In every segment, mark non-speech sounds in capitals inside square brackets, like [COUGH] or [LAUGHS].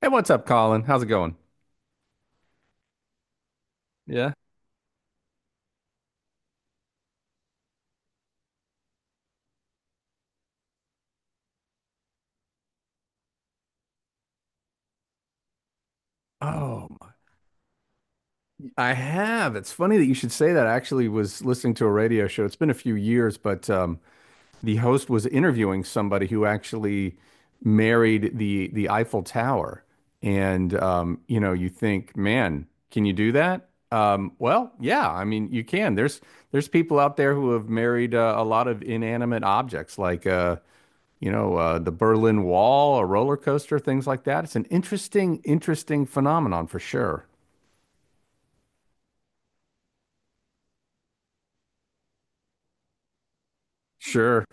Hey, what's up, Colin? How's it going? Yeah. Oh, my- I have. It's funny that you should say that. I actually was listening to a radio show. It's been a few years, but the host was interviewing somebody who actually married the Eiffel Tower. And You know, you think, man, can you do that? Well, yeah. I mean, you can. There's people out there who have married a lot of inanimate objects, like you know, the Berlin Wall, a roller coaster, things like that. It's an interesting phenomenon for sure. Sure.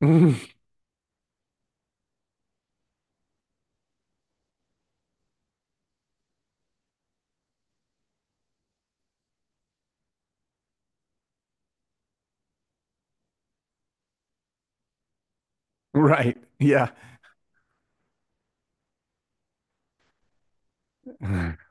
[LAUGHS] Right. Yeah. [SIGHS]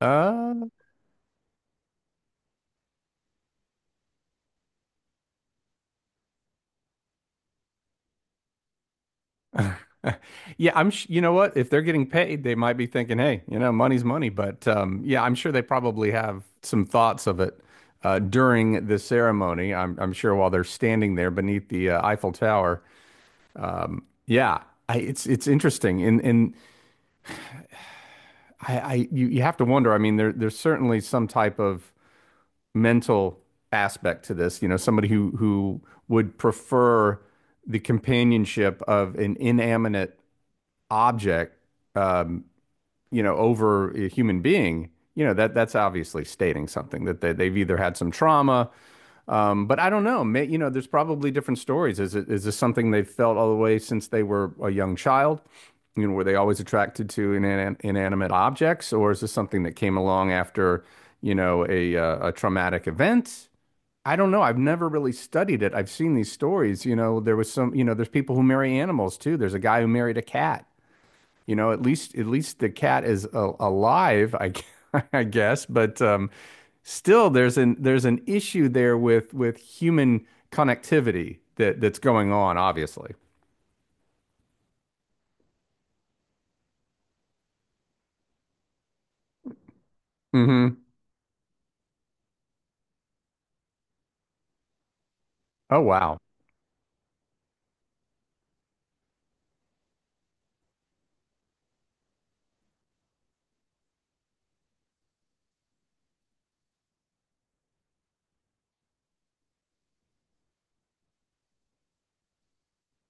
Uh, yeah, I'm, sh- You know what? If they're getting paid, they might be thinking, hey, you know, money's money. But yeah, I'm sure they probably have some thoughts of it during the ceremony. I'm sure while they're standing there beneath the Eiffel Tower. Yeah, it's interesting, and you have to wonder. I mean, there's certainly some type of mental aspect to this, you know, somebody who would prefer the companionship of an inanimate object, um, you know, over a human being, you know, that that's obviously stating something that they've either had some trauma, but I don't know. You know, there's probably different stories. Is this something they've felt all the way since they were a young child? You know, were they always attracted to inanimate objects, or is this something that came along after, you know, a traumatic event? I don't know. I've never really studied it. I've seen these stories. You know, there's people who marry animals too. There's a guy who married a cat. You know, at least the cat is a alive, g- [LAUGHS] I guess, but still there's an issue there with human connectivity that that's going on, obviously. Hmm. Oh, wow.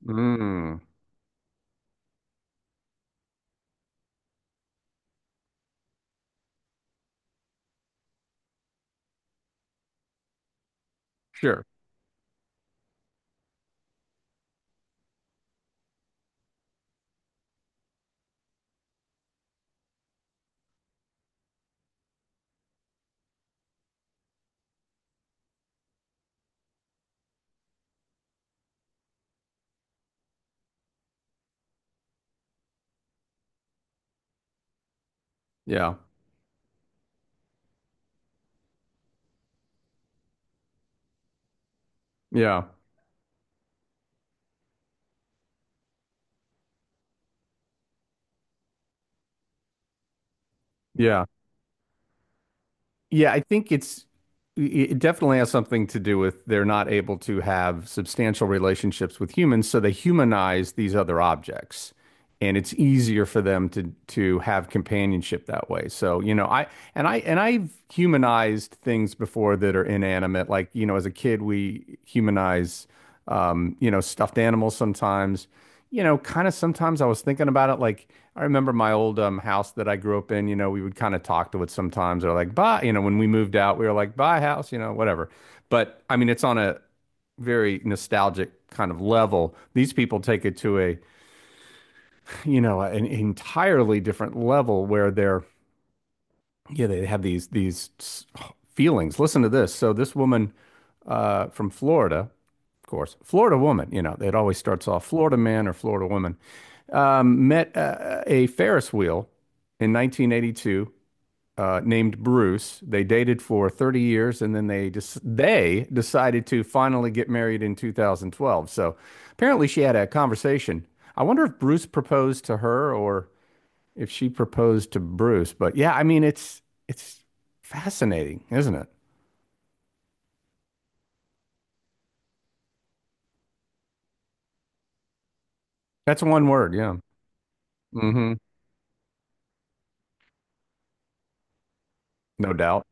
Mm. Sure. Yeah. Yeah. Yeah. Yeah, I think it's it definitely has something to do with they're not able to have substantial relationships with humans, so they humanize these other objects. And it's easier for them to have companionship that way. So, you know, I've humanized things before that are inanimate. Like, you know, as a kid, we humanize you know, stuffed animals sometimes, you know, kind of sometimes I was thinking about it. Like, I remember my old house that I grew up in, you know, we would kind of talk to it sometimes or like, buy, you know, when we moved out, we were like, buy a house, you know, whatever. But I mean, it's on a very nostalgic kind of level. These people take it to you know, an entirely different level where yeah, they have these feelings. Listen to this. So this woman from Florida, of course, Florida woman, you know, it always starts off Florida man or Florida woman, met a Ferris wheel in 1982, named Bruce. They dated for 30 years and then they decided to finally get married in 2012. So apparently she had a conversation. I wonder if Bruce proposed to her or if she proposed to Bruce. But yeah, I mean it's fascinating, isn't it? That's one word, yeah. Hmm. No doubt.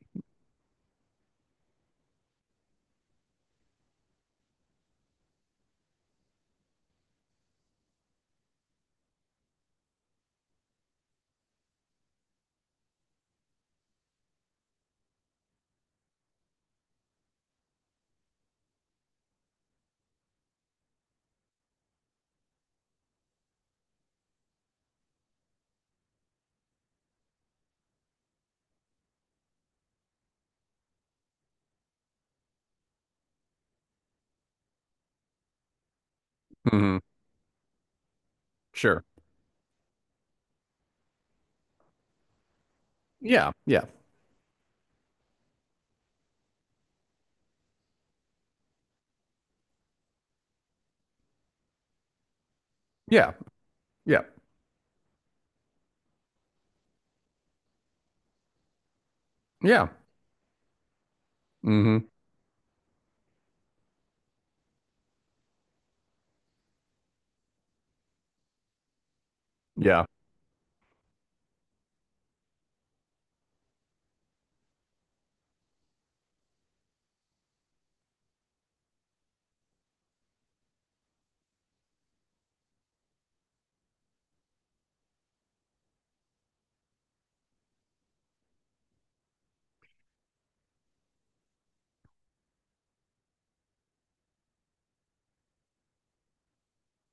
Hmm. Sure. Yeah, yeah, yeah, yeah, yeah. Hmm. Yeah.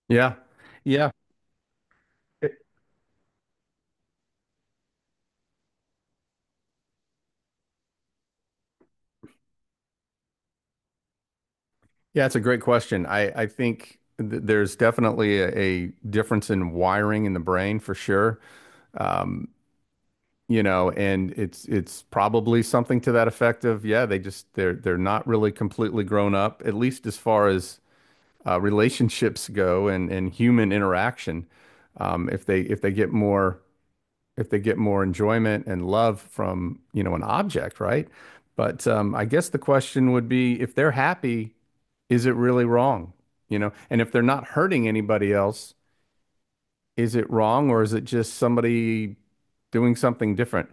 Yeah. Yeah. It- Yeah, it's a great question. I think th there's definitely a difference in wiring in the brain for sure. Um, you know, and it's probably something to that effect of, yeah, they're not really completely grown up, at least as far as relationships go and human interaction. If they if they get more if they get more enjoyment and love from, you know, an object, right? But I guess the question would be if they're happy, is it really wrong? You know, and if they're not hurting anybody else, is it wrong or is it just somebody doing something different?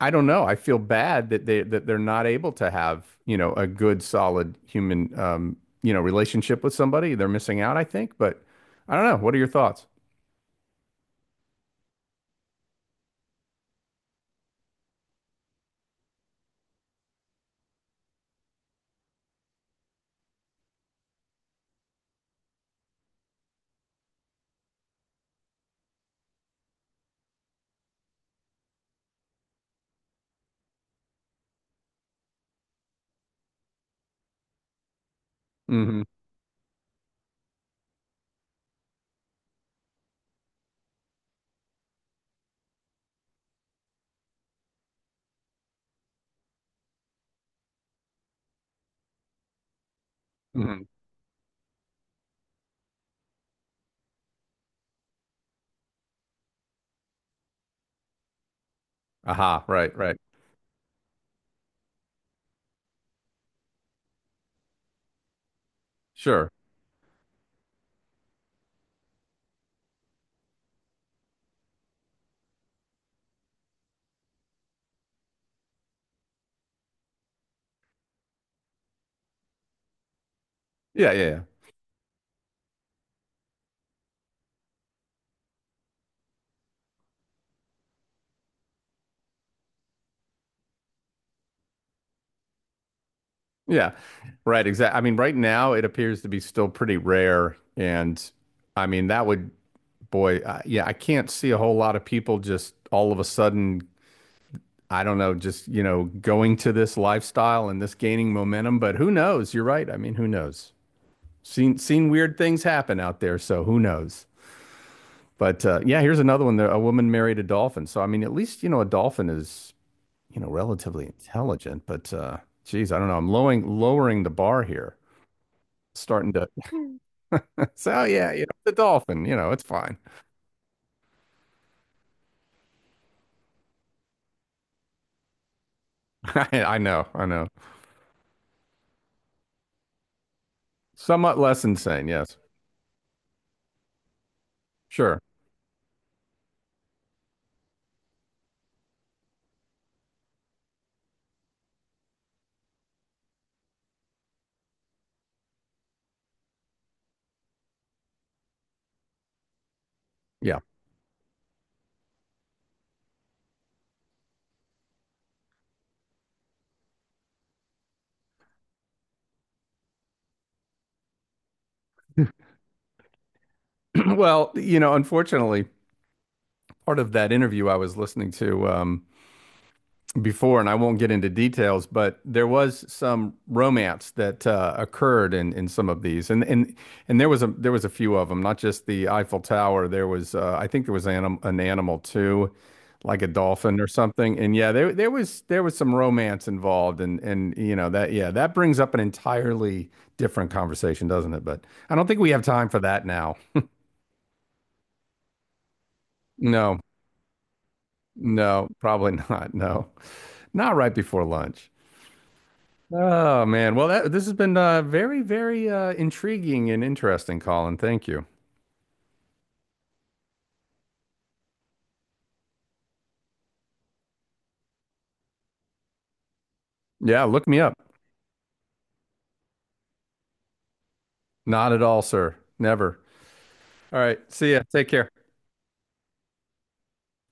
I don't know. I feel bad that they're not able to have, you know, a good, solid human, you know, relationship with somebody. They're missing out, I think. But I don't know. What are your thoughts? Mm-hmm. Hmm. Aha. Right. Right. Sure. Yeah. Yeah. Yeah. Yeah, right. Exactly. I mean, right now it appears to be still pretty rare. And I mean, that would, boy, yeah, I can't see a whole lot of people just all of a sudden, I don't know, just, you know, going to this lifestyle and this gaining momentum. But who knows? You're right. I mean, who knows? Seen weird things happen out there. So who knows? But yeah, here's another one. A woman married a dolphin. So, I mean, at least, you know, a dolphin is, you know, relatively intelligent. But geez, I don't know. I'm lowering the bar here starting to. So yeah, you know, the dolphin, you know, it's fine. [LAUGHS] I know, I know. Somewhat less insane, yes. Sure. Yeah. [CLEARS THROAT] Well, you know, unfortunately, part of that interview I was listening to, before, and I won't get into details, but there was some romance that occurred in some of these, and there was a few of them, not just the Eiffel Tower. There was I think there was anim an animal too, like a dolphin or something. And yeah, there was some romance involved, and you know that yeah that brings up an entirely different conversation, doesn't it? But I don't think we have time for that now. No, no, probably [LAUGHS] not. No, not right before lunch. Oh man. Well, that this has been very, very intriguing and interesting, Colin. Thank you. Yeah, look me up. Not at all, sir. Never. All right. See ya. Take care.